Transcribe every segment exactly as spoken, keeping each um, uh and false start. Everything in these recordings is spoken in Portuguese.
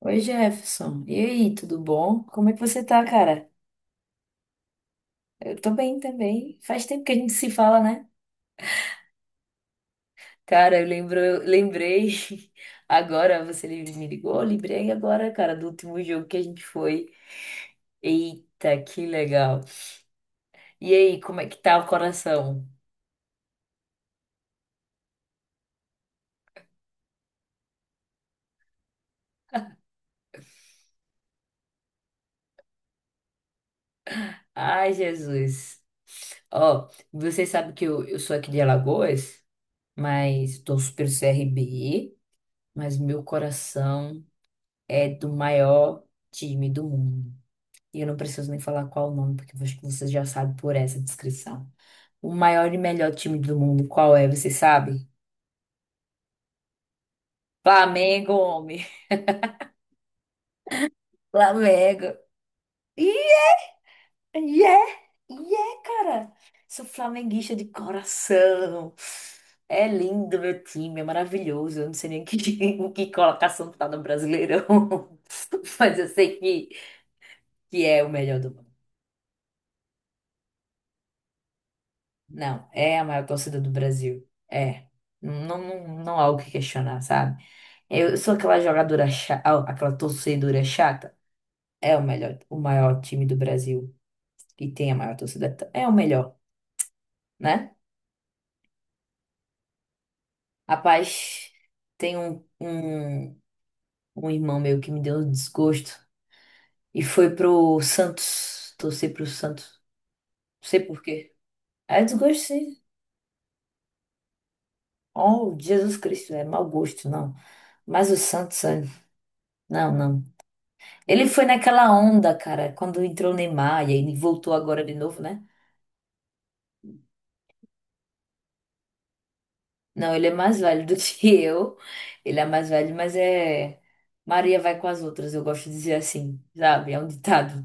Oi, Jefferson. E aí, tudo bom? Como é que você tá, cara? Eu tô bem também. Faz tempo que a gente se fala, né? Cara, eu lembro, eu lembrei agora, você me ligou, eu lembrei agora, cara, do último jogo que a gente foi. Eita, que legal. E aí, como é que tá o coração? Ai, Jesus. Ó, você sabe que eu, eu sou aqui de Alagoas, mas tô super C R B, mas meu coração é do maior time do mundo. E eu não preciso nem falar qual o nome, porque eu acho que vocês já sabem por essa descrição. O maior e melhor time do mundo, qual é? Vocês sabem? Flamengo, homem. Flamengo. Ih, e é, e é, cara. Sou flamenguista de coração. É lindo meu time, é maravilhoso. Eu não sei nem que, em que colocação tá no Brasileirão, mas eu sei que, que é o melhor do mundo. Não, é a maior torcida do Brasil. É. Não, não, não há o que questionar, sabe? Eu sou aquela jogadora chata, aquela torcedora chata. É o melhor, o maior time do Brasil e tem a maior torcida. É o melhor, né? Rapaz, tem um, um, um irmão meu que me deu um desgosto e foi pro Santos, torcer pro Santos. Não sei por quê. É desgosto, sim. Oh, Jesus Cristo, é mau gosto, não. Mas o Santos, é, não, não. Ele foi naquela onda, cara, quando entrou o Neymar e aí ele voltou agora de novo, né? Não, ele é mais velho do que eu. Ele é mais velho, mas é. Maria vai com as outras, eu gosto de dizer assim, sabe? É um ditado.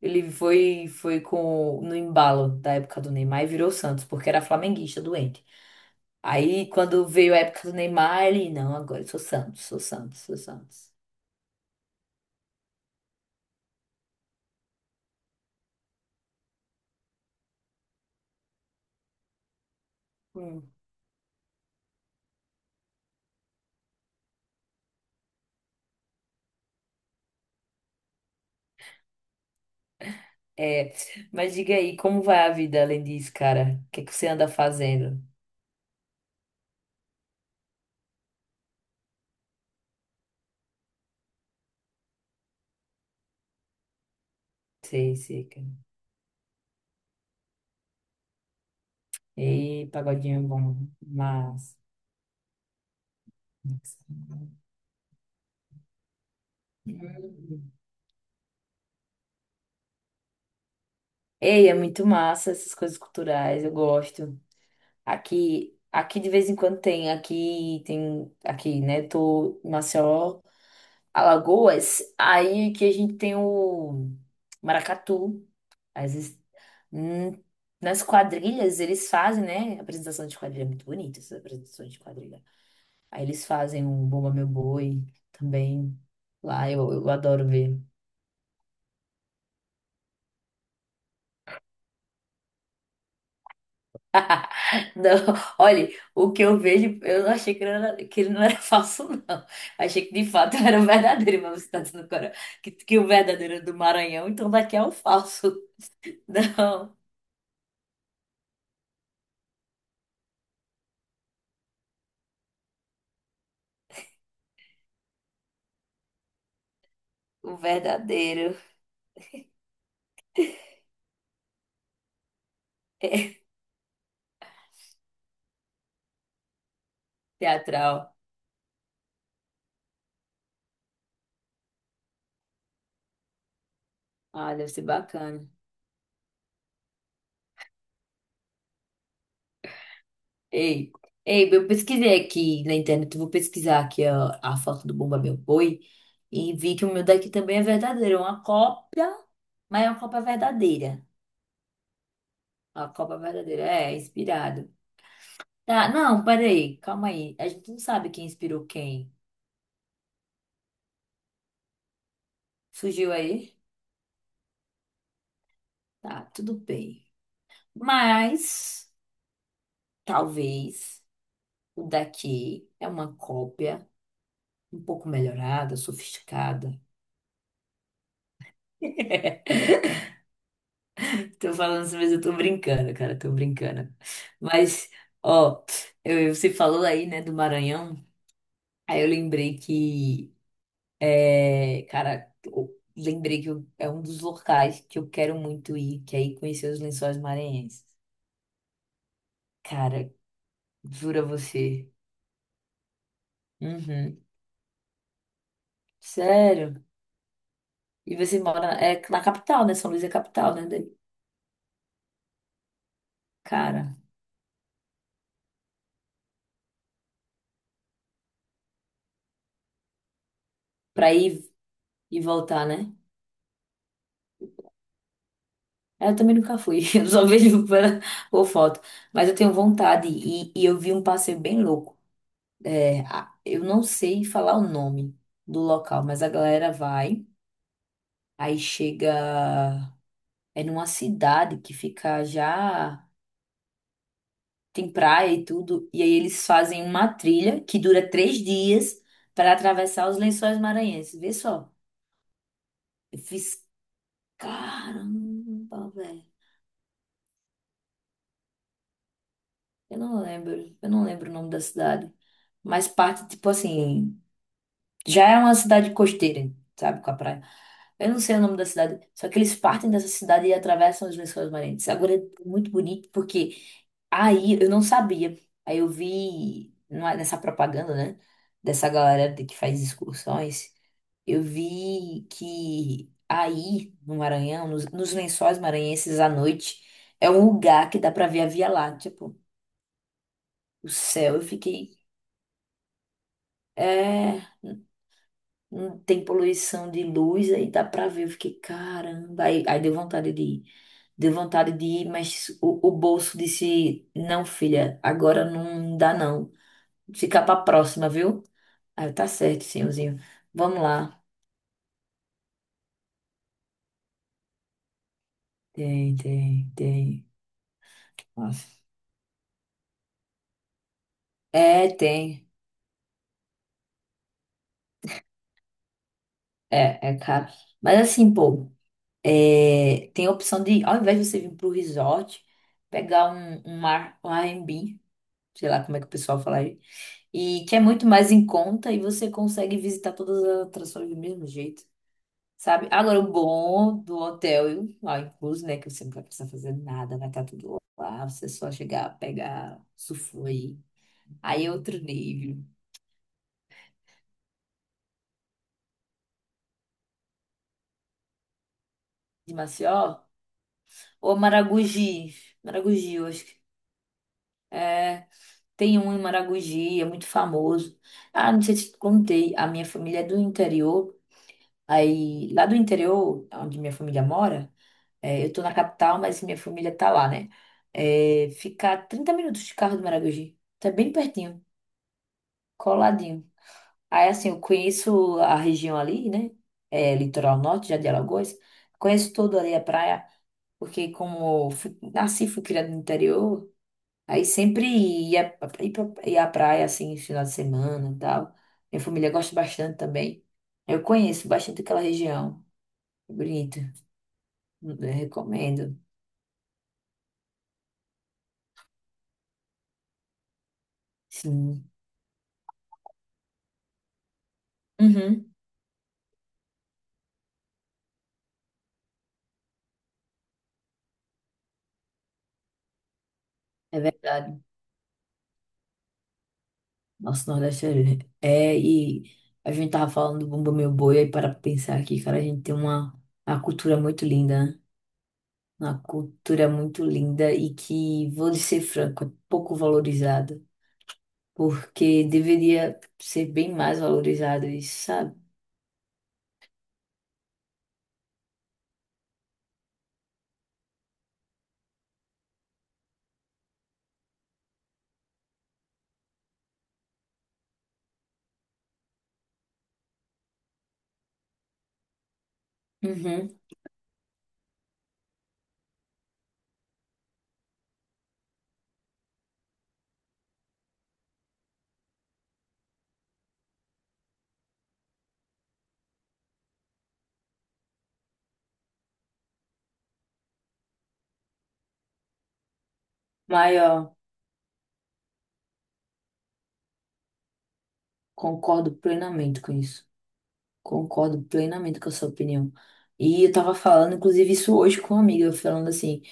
Ele foi foi com no embalo da época do Neymar e virou Santos, porque era flamenguista doente. Aí quando veio a época do Neymar, ele, não, agora eu sou Santos, sou Santos, sou Santos. Hum. É, mas diga aí, como vai a vida além disso, cara? O que é que você anda fazendo? Sei, sei, cara. Ei, pagodinho é bom. Mas. Ei, é muito massa essas coisas culturais, eu gosto. Aqui, aqui de vez em quando tem, aqui tem, aqui, né? Tô em Maceió, Alagoas, aí que a gente tem o maracatu. Às vezes, hum, nas quadrilhas eles fazem, né? Apresentação de quadrilha, é muito bonita essas apresentações de quadrilha. Aí eles fazem um Bumba Meu Boi também. Lá eu, eu adoro ver. Não, olha, o que eu vejo, eu não achei que ele, era, que ele não era falso, não. Achei que de fato era o verdadeiro, mas você está dizendo agora que, que o verdadeiro é do Maranhão, então daqui é o falso. Não, o verdadeiro. É teatral. Ah, deve ser bacana. Ei, ei, eu pesquisei aqui na internet, eu vou pesquisar aqui a, a foto do Bumba Meu Boi e vi que o meu daqui também é verdadeiro, é uma cópia, mas é uma cópia verdadeira. A cópia verdadeira é inspirado. Tá, não, peraí, calma aí. A gente não sabe quem inspirou quem. Surgiu aí? Tá, tudo bem. Mas, talvez, o daqui é uma cópia um pouco melhorada, sofisticada. Tô falando isso, mas eu tô brincando, cara, tô brincando. Mas, ó, eu, você falou aí, né, do Maranhão. Aí eu lembrei que, é, cara, eu lembrei que eu, é um dos locais que eu quero muito ir, que é ir conhecer os Lençóis Maranhenses. Cara, juro a você. Uhum. Sério? E você mora na, é, na capital, né? São Luís é capital, né? Daí? Cara, pra ir e voltar, né? É, eu também nunca fui, eu só vejo pela, por foto. Mas eu tenho vontade e, e eu vi um passeio bem louco. É, a, eu não sei falar o nome do local, mas a galera vai, aí chega, é numa cidade que fica já. Tem praia e tudo. E aí eles fazem uma trilha que dura três dias para atravessar os Lençóis Maranhenses. Vê só. Eu fiz, caramba, velho. Eu não lembro, eu não lembro o nome da cidade. Mas parte, tipo assim, já é uma cidade costeira, sabe, com a praia. Eu não sei o nome da cidade, só que eles partem dessa cidade e atravessam os Lençóis Maranhenses. Agora é muito bonito porque aí eu não sabia. Aí eu vi não é, nessa propaganda, né, dessa galera de, que faz excursões, eu vi que aí no Maranhão, nos, nos Lençóis Maranhenses à noite, é um lugar que dá pra ver a Via Láctea, pô, o céu. Eu fiquei, é. Não tem poluição de luz, aí dá pra ver. Eu fiquei, caramba. Aí, aí deu vontade de ir. Deu vontade de ir, mas o, o bolso disse: não, filha, agora não dá não. Fica pra próxima, viu? Aí eu, tá certo, senhorzinho. Vamos lá. Tem, tem, tem. Nossa. É, tem. É, é caro. Mas assim, pô, é, tem a opção de, ao invés de você vir pro resort, pegar um, um ar, um Airbnb, sei lá como é que o pessoal fala, e que é muito mais em conta e você consegue visitar todas as atrações do mesmo jeito, sabe? Agora, o bom do hotel, lá incluso, né, que você não vai precisar fazer nada, vai estar tudo lá, você só chegar, pegar, usufruir. Aí é outro nível. De Maceió, ou Maragogi. Maragogi, eu acho que é, tem um em Maragogi, é muito famoso. Ah, não sei se te contei, a minha família é do interior, aí lá do interior, onde minha família mora, é, eu tô na capital, mas minha família tá lá, né? É, fica a trinta minutos de carro do Maragogi. Tá bem pertinho, coladinho. Aí, assim, eu conheço a região ali, né? É, litoral norte, já de Alagoas. Conheço todo ali a praia, porque como fui, nasci, fui criada no interior, aí sempre ia, ia pra ia à praia, assim, final de semana e tal. Minha família gosta bastante também. Eu conheço bastante aquela região. Bonito. Eu recomendo. Sim. Uhum. É verdade. Nossa, o Nordeste é, é. E a gente tava falando do Bumba Meu Boi, aí para pra pensar aqui, cara, a gente tem uma, uma cultura muito linda, né? Uma cultura muito linda e que, vou lhe ser franco, é pouco valorizada, porque deveria ser bem mais valorizada, isso, sabe? Uhum. Mas, ó, concordo plenamente com isso. Concordo plenamente com a sua opinião. E eu tava falando, inclusive, isso hoje com uma amiga, falando assim,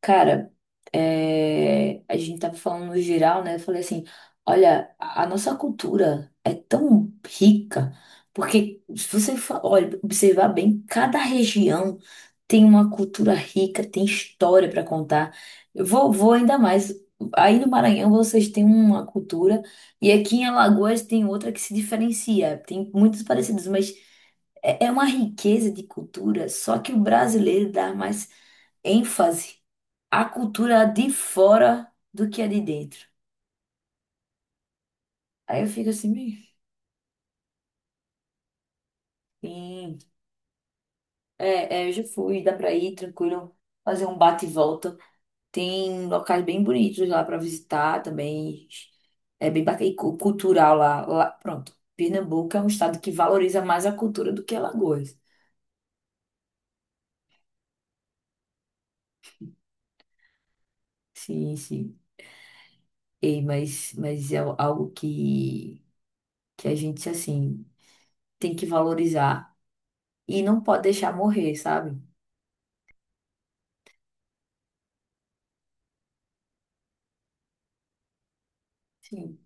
cara, é, a gente tava falando no geral, né? Eu falei assim, olha, a a nossa cultura é tão rica, porque se você fa, olha, observar bem, cada região tem uma cultura rica, tem história para contar. Eu vou, vou ainda mais. Aí no Maranhão vocês têm uma cultura. E aqui em Alagoas tem outra que se diferencia. Tem muitos parecidos, mas é é uma riqueza de cultura, só que o brasileiro dá mais ênfase à cultura de fora do que a de dentro. Aí eu fico assim, meio. Sim, é, é, eu já fui, dá pra ir tranquilo, fazer um bate e volta. Tem locais bem bonitos lá pra visitar também. É bem bacana, e cu, cultural lá, lá. Pronto, Pernambuco é um estado que valoriza mais a cultura do que Alagoas. Sim, sim. E, mas, mas é algo que, que a gente, assim, tem que valorizar e não pode deixar morrer, sabe? Sim,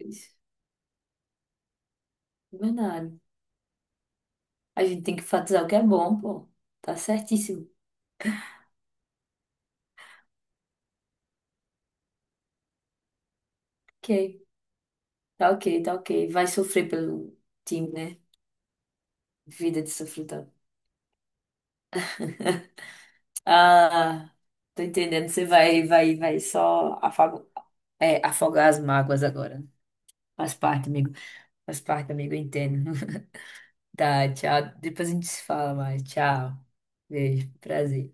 isso. É verdade. A gente tem que enfatizar o que é bom, pô. Tá certíssimo. Ok, tá ok, tá ok. Vai sofrer pelo time, né? Vida de sofredor. Ah, tô entendendo. Você vai, vai, vai só afago, é, afogar as mágoas agora. Faz parte, amigo. Faz parte, amigo, eu entendo. Tá, tchau. Depois a gente se fala mais. Tchau. Beijo, prazer.